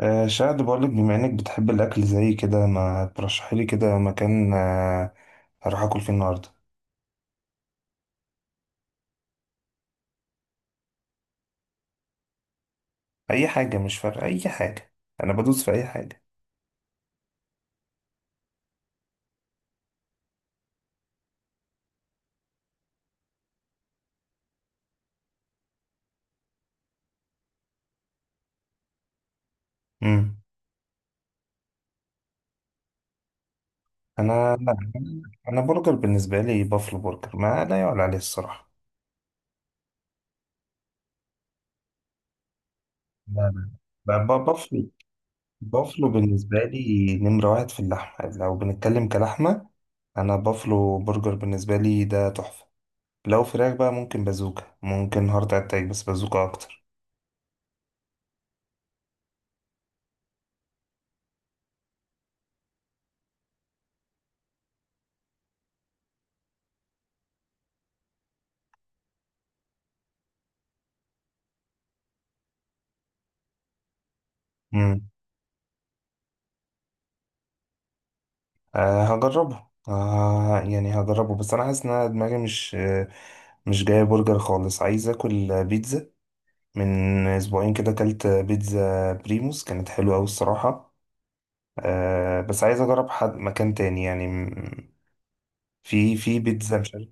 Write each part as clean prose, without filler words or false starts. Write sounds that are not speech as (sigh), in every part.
شاهد بقولك، بما انك بتحب الاكل زي كده، ما ترشحي لي كده مكان. هروح اكل فيه النهارده. اي حاجه، مش فارقه اي حاجه. انا بدوس في اي حاجه. امم. انا لا. انا برجر بالنسبه لي بافلو برجر ما لا يعلى عليه الصراحه. لا، لا، بافلو بالنسبه لي نمره واحد في اللحمه لو بنتكلم كلحمه. انا بافلو برجر بالنسبه لي ده تحفه. لو فراخ بقى، ممكن بازوكا، ممكن هارت اتاك، بس بازوكا اكتر. هجربه. يعني هجربه، بس انا حاسس ان أنا دماغي مش، مش جايه برجر خالص. عايز اكل بيتزا. من اسبوعين كده اكلت بيتزا بريموس كانت حلوه قوي الصراحه. بس عايز اجرب حد مكان تاني يعني في بيتزا مش عارف.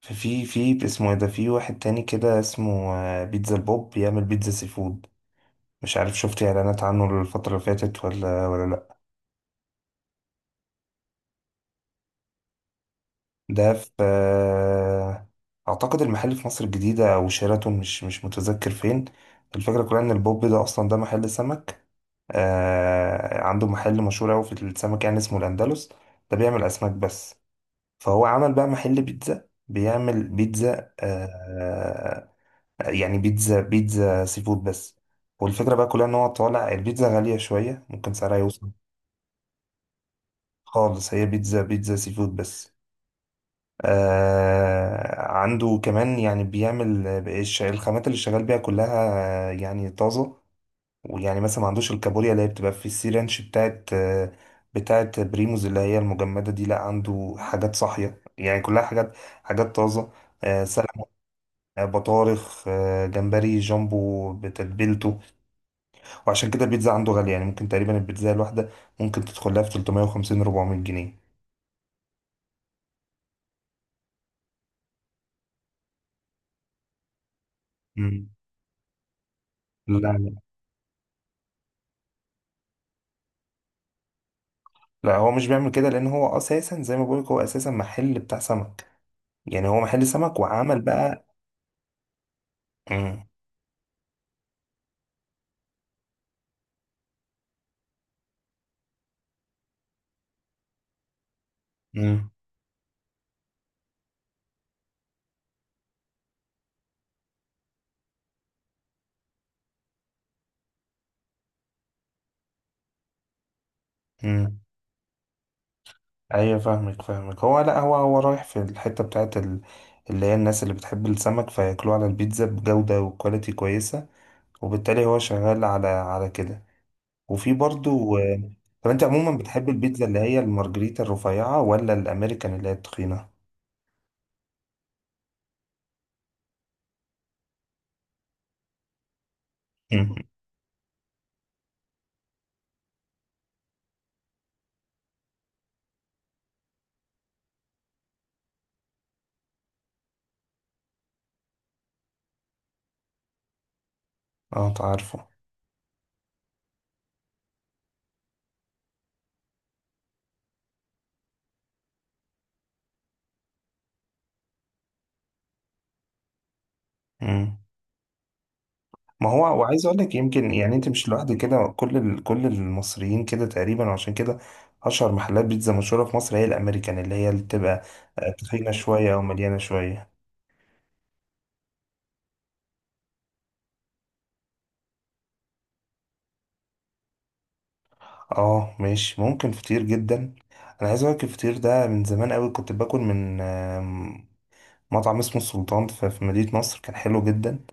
في في في اسمه ايه ده، في واحد تاني كده اسمه بيتزا البوب، بيعمل بيتزا سي فود. مش عارف شفت اعلانات عنه الفتره اللي فاتت ولا لأ. ده في اعتقد المحل في مصر الجديدة او شيراتون، مش متذكر فين. الفكرة كلها ان البوب ده اصلا ده محل سمك. عنده محل مشهور اوي في السمك، يعني اسمه الاندلس. ده بيعمل اسماك بس، فهو عمل بقى محل بيتزا بيعمل بيتزا يعني بيتزا بيتزا سي فود بس. والفكرة بقى كلها ان هو طالع البيتزا غالية شوية، ممكن سعرها يوصل. خالص هي بيتزا بيتزا سي فود بس. عنده كمان يعني، بيعمل الخامات اللي شغال بيها كلها يعني طازة. ويعني مثلا ما عندوش الكابوريا اللي هي بتبقى في السي رانش بتاعت بتاعت بريموز، اللي هي المجمدة دي. لا، عنده حاجات صاحية يعني كلها حاجات طازة. سلمون، بطارخ، جمبري جامبو بتتبيلته. وعشان كده البيتزا عنده غالية، يعني ممكن تقريبا البيتزا الواحدة ممكن تدخل لها في 350 400 جنيه. مم. لا، لا، هو مش بيعمل كده، لان هو اساسا زي ما بقولك، هو اساسا محل بتاع سمك. يعني هو محل سمك وعمل بقى. امم. امم. امم. ايوه، فاهمك فاهمك. هو لا، هو رايح في الحته بتاعت ال... اللي هي الناس اللي بتحب السمك فياكلوه على البيتزا بجوده وكواليتي كويسه، وبالتالي هو شغال على كده. وفي برضو. طب انت عموما بتحب البيتزا اللي هي المارجريتا الرفيعه ولا الامريكان اللي هي التخينه؟ امم. اه، تعرفه. ما هو، وعايز اقول لك يمكن يعني انت مش لوحدك كده، كل المصريين كده تقريبا، وعشان كده اشهر محلات بيتزا مشهوره في مصر هي الامريكان اللي هي اللي بتبقى تخينه شويه او مليانه شويه. اه ماشي، ممكن فطير جدا. انا عايز اقول لك الفطير ده من زمان قوي كنت باكل من مطعم اسمه السلطان في مدينه نصر كان حلو جدا.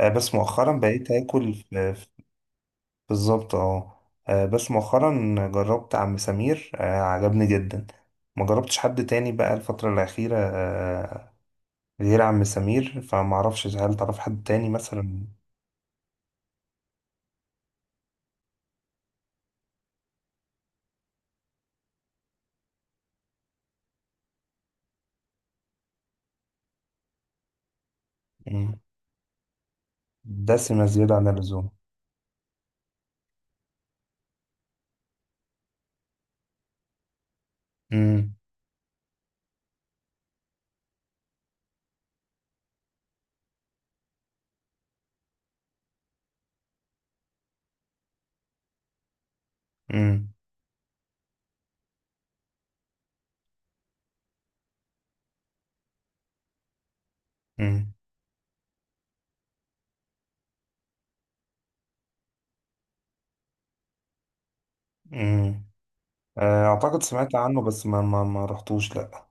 بس مؤخرا بقيت اكل في. بالظبط اه. بس مؤخرا جربت عم سمير عجبني جدا. ما جربتش حد تاني بقى الفترة الأخيرة، غير عم سمير، فما اعرفش هل تعرف حد تاني مثلا. مم. دسمة زيادة عن اللزوم. مم. مم. مم. مم. اعتقد سمعت عنه، بس ما رحتوش، لا.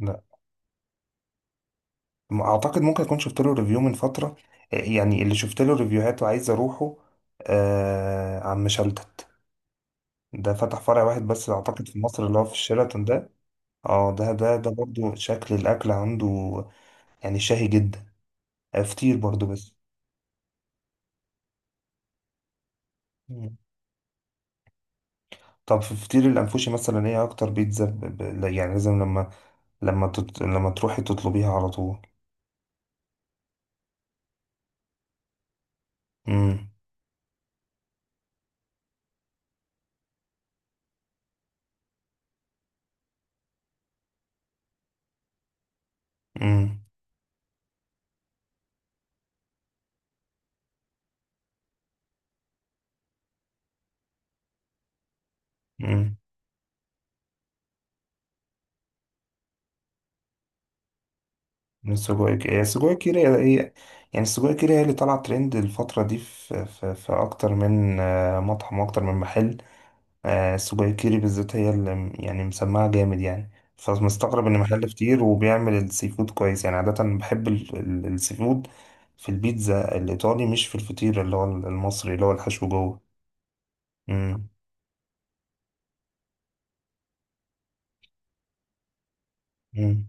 لا، ما اعتقد، ممكن اكون شفت له ريفيو من فترة. يعني اللي شفت له ريفيوهات وعايز اروحه عم شلتت. ده فتح فرع واحد بس اعتقد في مصر اللي هو في الشيراتون ده. اه، ده برضو شكل الاكل عنده يعني شهي جدا. فطير برضو بس. مم. طب في فطير الانفوشي مثلا، ايه اكتر بيتزا لا، يعني لازم لما لما تروحي تطلبيها على طول. امم. امم. امم. السجق كيري هي السجق كيري هي هي- السجق كيري هي اللي طالعه ترند الفتره دي في في اكتر من مطعم واكتر من محل. السجاير بالذات هي اللي يعني مسمعة جامد يعني. فمستغرب ان محل فطير وبيعمل السي فود كويس. يعني عادة بحب السي فود في البيتزا الإيطالي، مش في الفطير اللي هو المصري اللي هو الحشو جوه. مم. مم.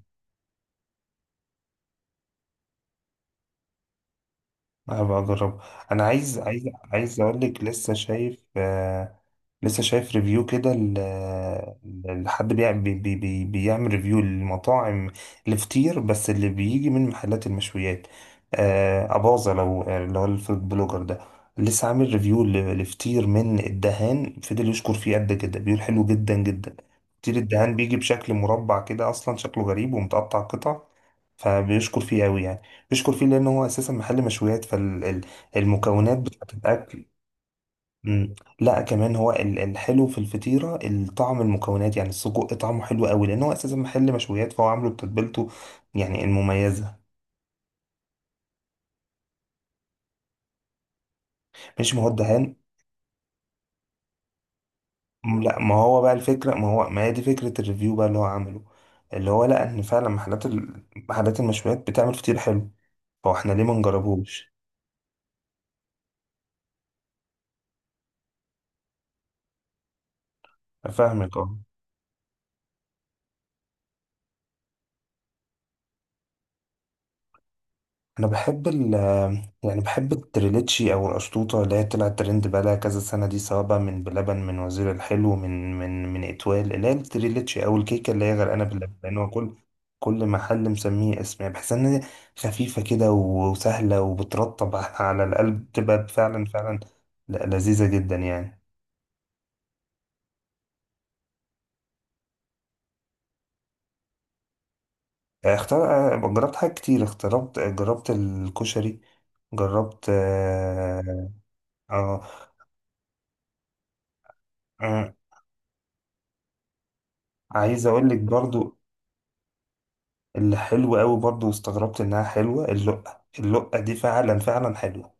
أبقى أجرب. أنا عايز آه. عايز عايز أقول لك لسه شايف، لسه شايف ريفيو كده لحد بيع- بي بي بي بيعمل ريفيو للمطاعم الفطير بس اللي بيجي من محلات المشويات. أباظة، لو اللي هو الفود بلوجر ده، لسه عامل ريفيو لفطير من الدهان، فضل يشكر فيه قد كده، بيقول حلو جدا جدا. فطير الدهان بيجي بشكل مربع كده، أصلا شكله غريب ومتقطع قطع، فبيشكر فيه أوي يعني. بيشكر فيه لأنه هو أساسا محل مشويات، فالمكونات بتاعة الأكل. مم. لا، كمان هو الحلو في الفطيرة، الطعم، المكونات، يعني السجق طعمه حلو قوي لأن هو أساسا محل مشويات، فهو عامله بتتبيلته يعني المميزة. مش، ما هو الدهان. لا، ما هو بقى الفكرة، ما هي دي فكرة الريفيو بقى اللي هو عامله، اللي هو لقى إن فعلا محلات محلات المشويات بتعمل فطير حلو، فاحنا ليه ما نجربوش. فاهمك اه. انا بحب يعني بحب التريليتشي او القشطوطه اللي هي طلعت ترند بقالها كذا سنه دي، سواء بقى من بلبن، من وزير الحلو، من اتوال، اللي هي التريليتشي او الكيكه اللي هي غرقانه باللبن، لان هو كل كل محل مسميه اسم. يعني بحس ان هي خفيفه كده وسهله وبترطب (laughs) على القلب، بتبقى فعلا فعلا لذيذه جدا يعني. جربت حاجات كتير، جربت الكشري، جربت اه. آه، آه، عايز اقول لك برضو اللي حلو قوي برضو، واستغربت انها حلوة، اللقة، دي فعلا فعلا حلوة.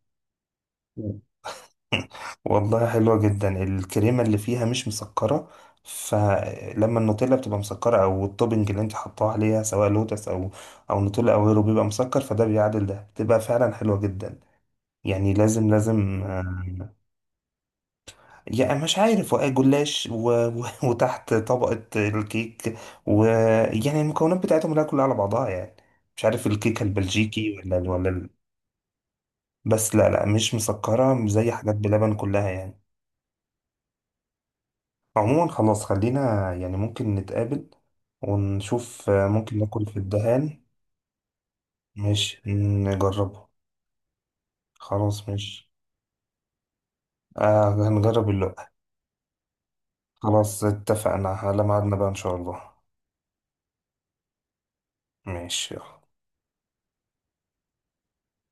(laughs) والله حلوة جدا. الكريمة اللي فيها مش مسكرة، فلما النوتيلا بتبقى مسكرة او التوبنج اللي انت حطاه عليها سواء لوتس او نوتيلا او غيره بيبقى مسكر، فده بيعادل ده، بتبقى فعلا حلوة جدا يعني. لازم لازم، يعني مش عارف، وقع جلاش (laughs) وتحت طبقة الكيك، ويعني المكونات بتاعتهم لا كلها على بعضها يعني. مش عارف الكيكة البلجيكي ولا بس لا، لا، مش مسكرة مش زي حاجات بلبن كلها يعني. عموما خلاص، خلينا يعني ممكن نتقابل ونشوف ممكن ناكل في الدهان، مش نجربه. خلاص، مش. آه، هنجرب اللقة. خلاص، اتفقنا على ميعادنا بقى إن شاء الله. ماشي يلا.